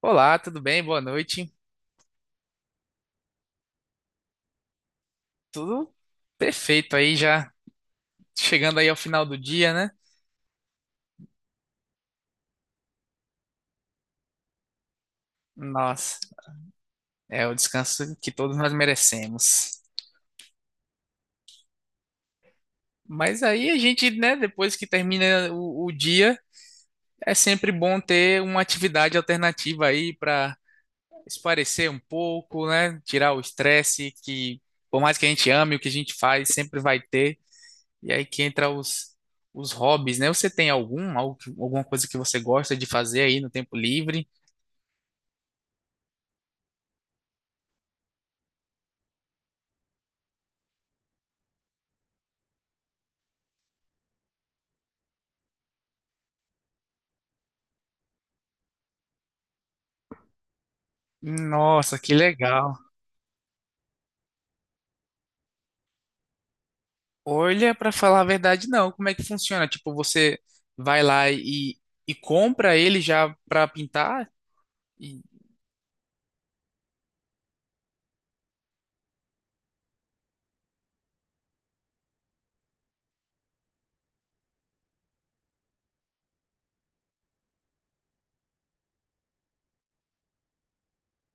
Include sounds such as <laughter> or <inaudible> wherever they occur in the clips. Olá, tudo bem? Boa noite. Tudo perfeito aí já chegando aí ao final do dia, né? Nossa, é o descanso que todos nós merecemos. Mas aí a gente, né, depois que termina o dia, é sempre bom ter uma atividade alternativa aí para espairecer um pouco, né? Tirar o estresse que, por mais que a gente ame o que a gente faz, sempre vai ter. E aí que entra os hobbies, né? Você tem algum, algo alguma coisa que você gosta de fazer aí no tempo livre? Nossa, que legal. Olha, para falar a verdade, não. Como é que funciona? Tipo, você vai lá e compra ele já para pintar? E,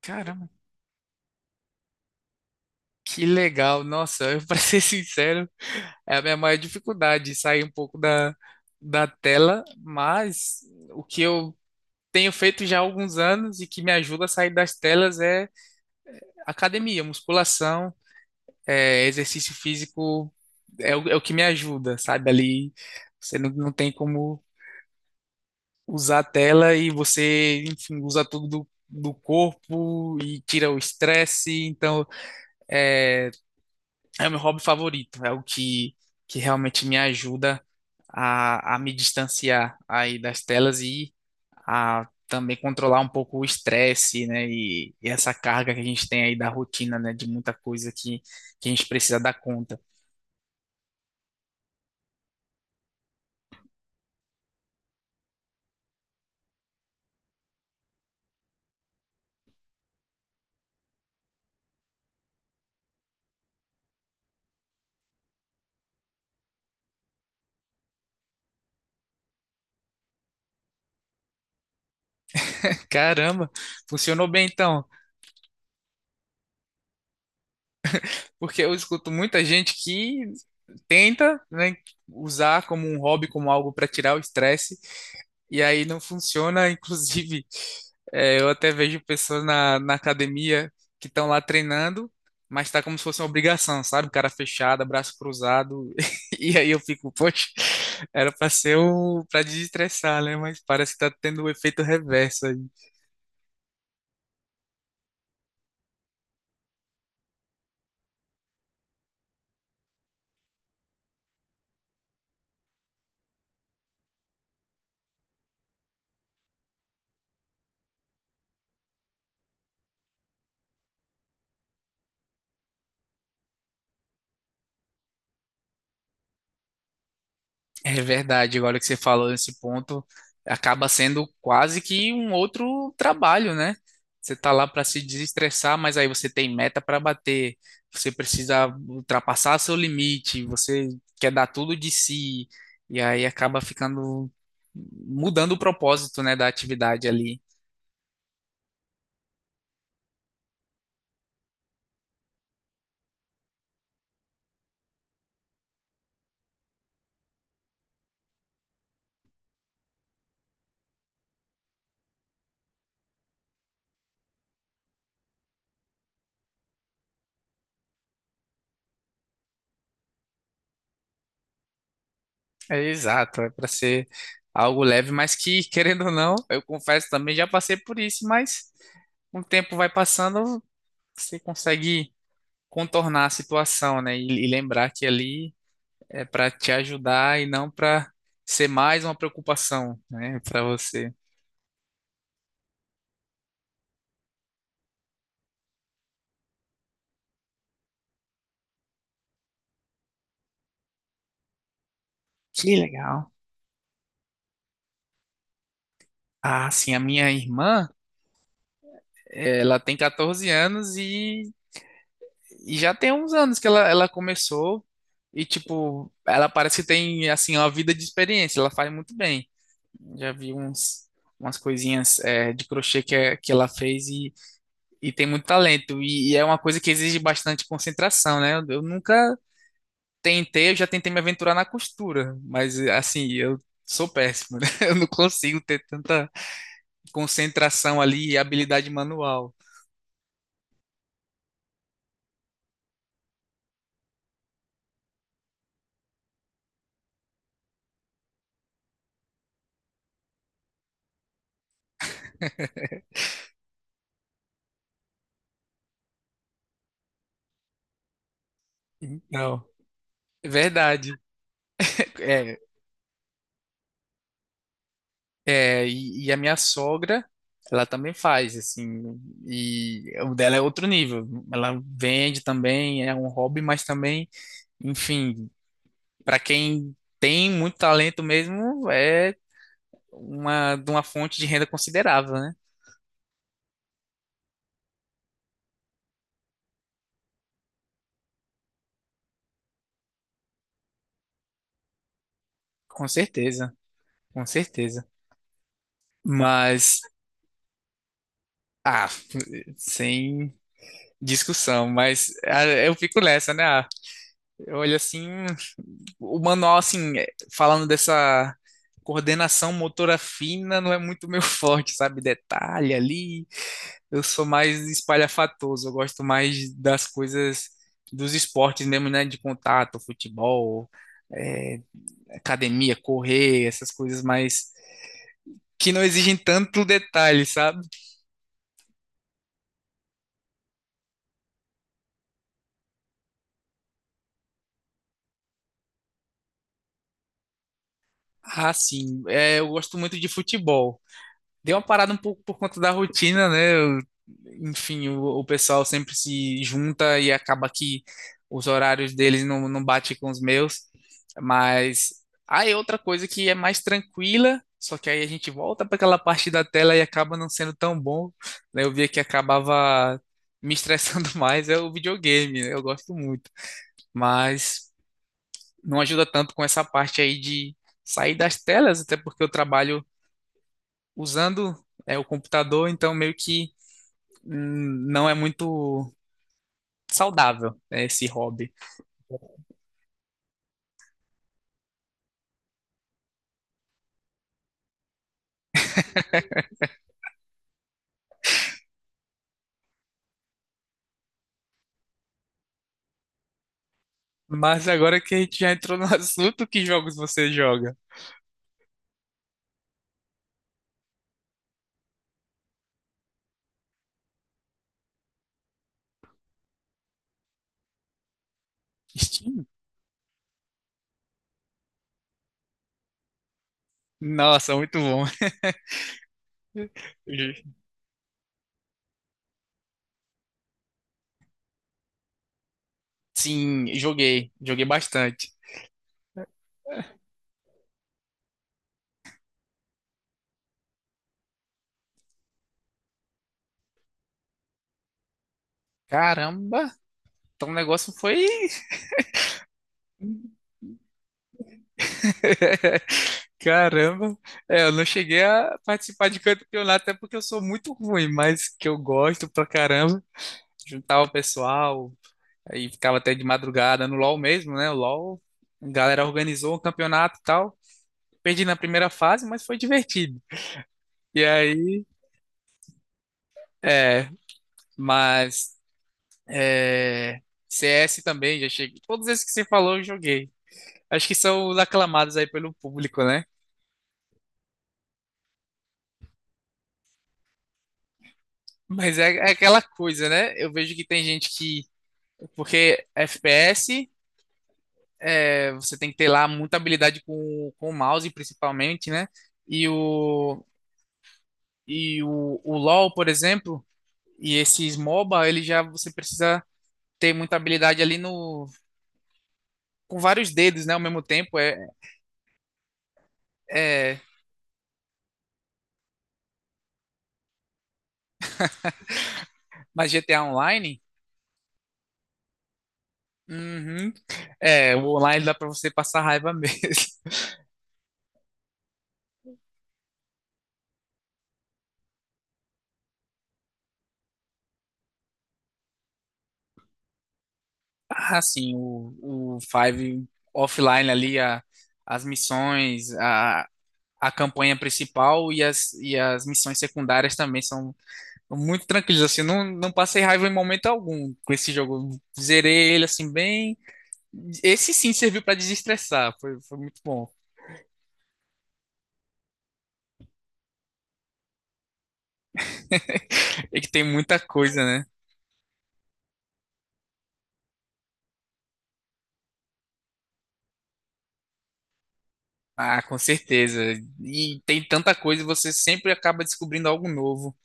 caramba, que legal. Nossa, eu, <laughs> para ser sincero, é a minha maior dificuldade sair um pouco da tela, mas o que eu tenho feito já há alguns anos e que me ajuda a sair das telas é academia, musculação. Exercício físico é é o que me ajuda, sabe? Ali você não tem como usar a tela e você, enfim, usa tudo do corpo e tira o estresse. Então, é, é o meu hobby favorito, é o que realmente me ajuda a me distanciar aí das telas e a também controlar um pouco o estresse, né? E essa carga que a gente tem aí da rotina, né? De muita coisa que a gente precisa dar conta. Caramba, funcionou bem então, porque eu escuto muita gente que tenta, né, usar como um hobby, como algo para tirar o estresse, e aí não funciona. <laughs> Inclusive, eu até vejo pessoas na academia que estão lá treinando, mas tá como se fosse uma obrigação, sabe? Cara fechada, braço cruzado, <laughs> e aí eu fico, poxa, era para ser para desestressar, né? Mas parece que tá tendo o efeito reverso aí. É verdade, agora que você falou nesse ponto, acaba sendo quase que um outro trabalho, né? Você tá lá para se desestressar, mas aí você tem meta para bater, você precisa ultrapassar seu limite, você quer dar tudo de si, e aí acaba ficando mudando o propósito, né, da atividade ali. É exato, é para ser algo leve, mas que, <laughs> querendo ou não, eu confesso também já passei por isso, mas com o tempo vai passando, você consegue contornar a situação, né? E lembrar que ali é para te ajudar e não para ser mais uma preocupação, né, para você. Que legal. Ah, sim, a minha irmã, ela tem 14 anos e já tem uns anos que ela começou e, tipo, ela parece que tem, assim, uma vida de experiência, ela faz muito bem. Já vi umas coisinhas, de crochê que, que ela fez e tem muito talento. E é uma coisa que exige bastante concentração, né? Eu nunca tentei, eu já tentei me aventurar na costura, mas assim, eu sou péssimo, né? <laughs> Eu não consigo ter tanta concentração ali e habilidade manual. Então, é verdade. É, e, e a minha sogra, ela também faz, assim, e o dela é outro nível. Ela vende também, é um hobby, mas também, enfim, para quem tem muito talento mesmo, é de uma fonte de renda considerável, né? Com certeza, com certeza. Mas, ah, sem discussão, mas ah, eu fico nessa, né? Ah, eu olho assim, o manual, assim, falando dessa coordenação motora fina, não é muito meu <laughs> forte, sabe? Detalhe ali, eu sou mais espalhafatoso, eu gosto mais das coisas dos esportes mesmo, né? De contato, futebol, é, academia, correr, essas coisas mais que não exigem tanto detalhe, sabe? Ah, sim. Eu gosto muito de futebol. Deu uma parada um pouco por conta da rotina, né? Enfim, o pessoal sempre se junta e acaba que os horários deles não, não batem com os meus. Mas aí é outra coisa que é mais tranquila, só que aí a gente volta para aquela parte da tela e acaba não sendo tão bom, né? Eu via que acabava me estressando <laughs> mais, é o videogame, né? Eu gosto muito. Mas não ajuda tanto com essa parte aí de sair das telas, até porque eu trabalho usando o computador, então meio que não é muito saudável, né, esse hobby. Mas agora que a gente já entrou no <laughs> assunto, que jogos você joga? Steam? Nossa, muito bom. <laughs> Sim, joguei bastante. Caramba, então o negócio foi. <laughs> Caramba, é, eu não cheguei a participar de campeonato, até porque eu sou muito ruim, mas que eu gosto pra caramba. Juntava o pessoal, aí ficava até de madrugada no LoL mesmo, né? O LoL, a galera organizou um campeonato e tal. Perdi na primeira fase, mas foi divertido. E aí, é, mas é, CS também, já cheguei. Todos esses que você falou, eu joguei. Acho que são os aclamados aí pelo público, né? Mas é aquela coisa, né? Eu vejo que tem gente que. Porque FPS, é, você tem que ter lá muita habilidade com o mouse, principalmente, né? E o, e o LoL, por exemplo, e esses MOBA, ele já você precisa ter muita habilidade ali no com vários dedos, né, ao mesmo tempo. É, mas GTA Online, uhum, é, o online dá pra você passar raiva mesmo. <laughs> Ah, sim, o Five offline ali, as missões, a campanha principal e as missões secundárias também são muito tranquilas. Assim, eu não, não passei raiva em momento algum com esse jogo. Zerei ele assim bem. Esse sim serviu para desestressar, foi muito bom. É que tem muita coisa, né? Ah, com certeza. E tem tanta coisa, você sempre acaba descobrindo algo novo.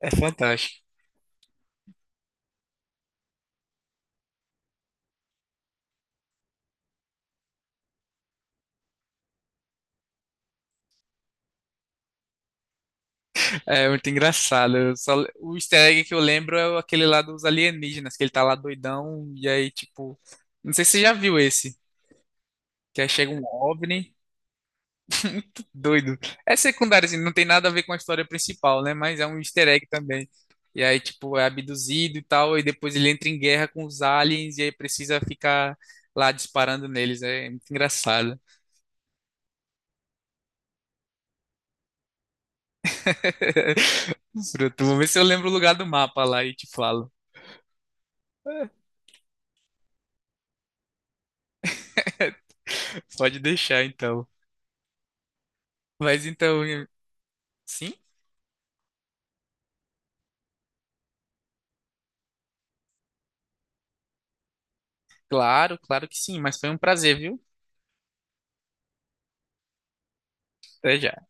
É fantástico. É muito engraçado. O easter egg que eu lembro é aquele lá dos alienígenas, que ele tá lá doidão, e aí, tipo. Não sei se você já viu esse. Que aí chega um OVNI. Muito doido. É secundário, assim, não tem nada a ver com a história principal, né? Mas é um easter egg também. E aí, tipo, é abduzido e tal, e depois ele entra em guerra com os aliens e aí precisa ficar lá disparando neles. É muito engraçado. <laughs> Pronto, vou ver se eu lembro o lugar do mapa lá e te falo. <laughs> Pode deixar, então. Mas então, sim, claro, claro que sim, mas foi um prazer, viu? Até já.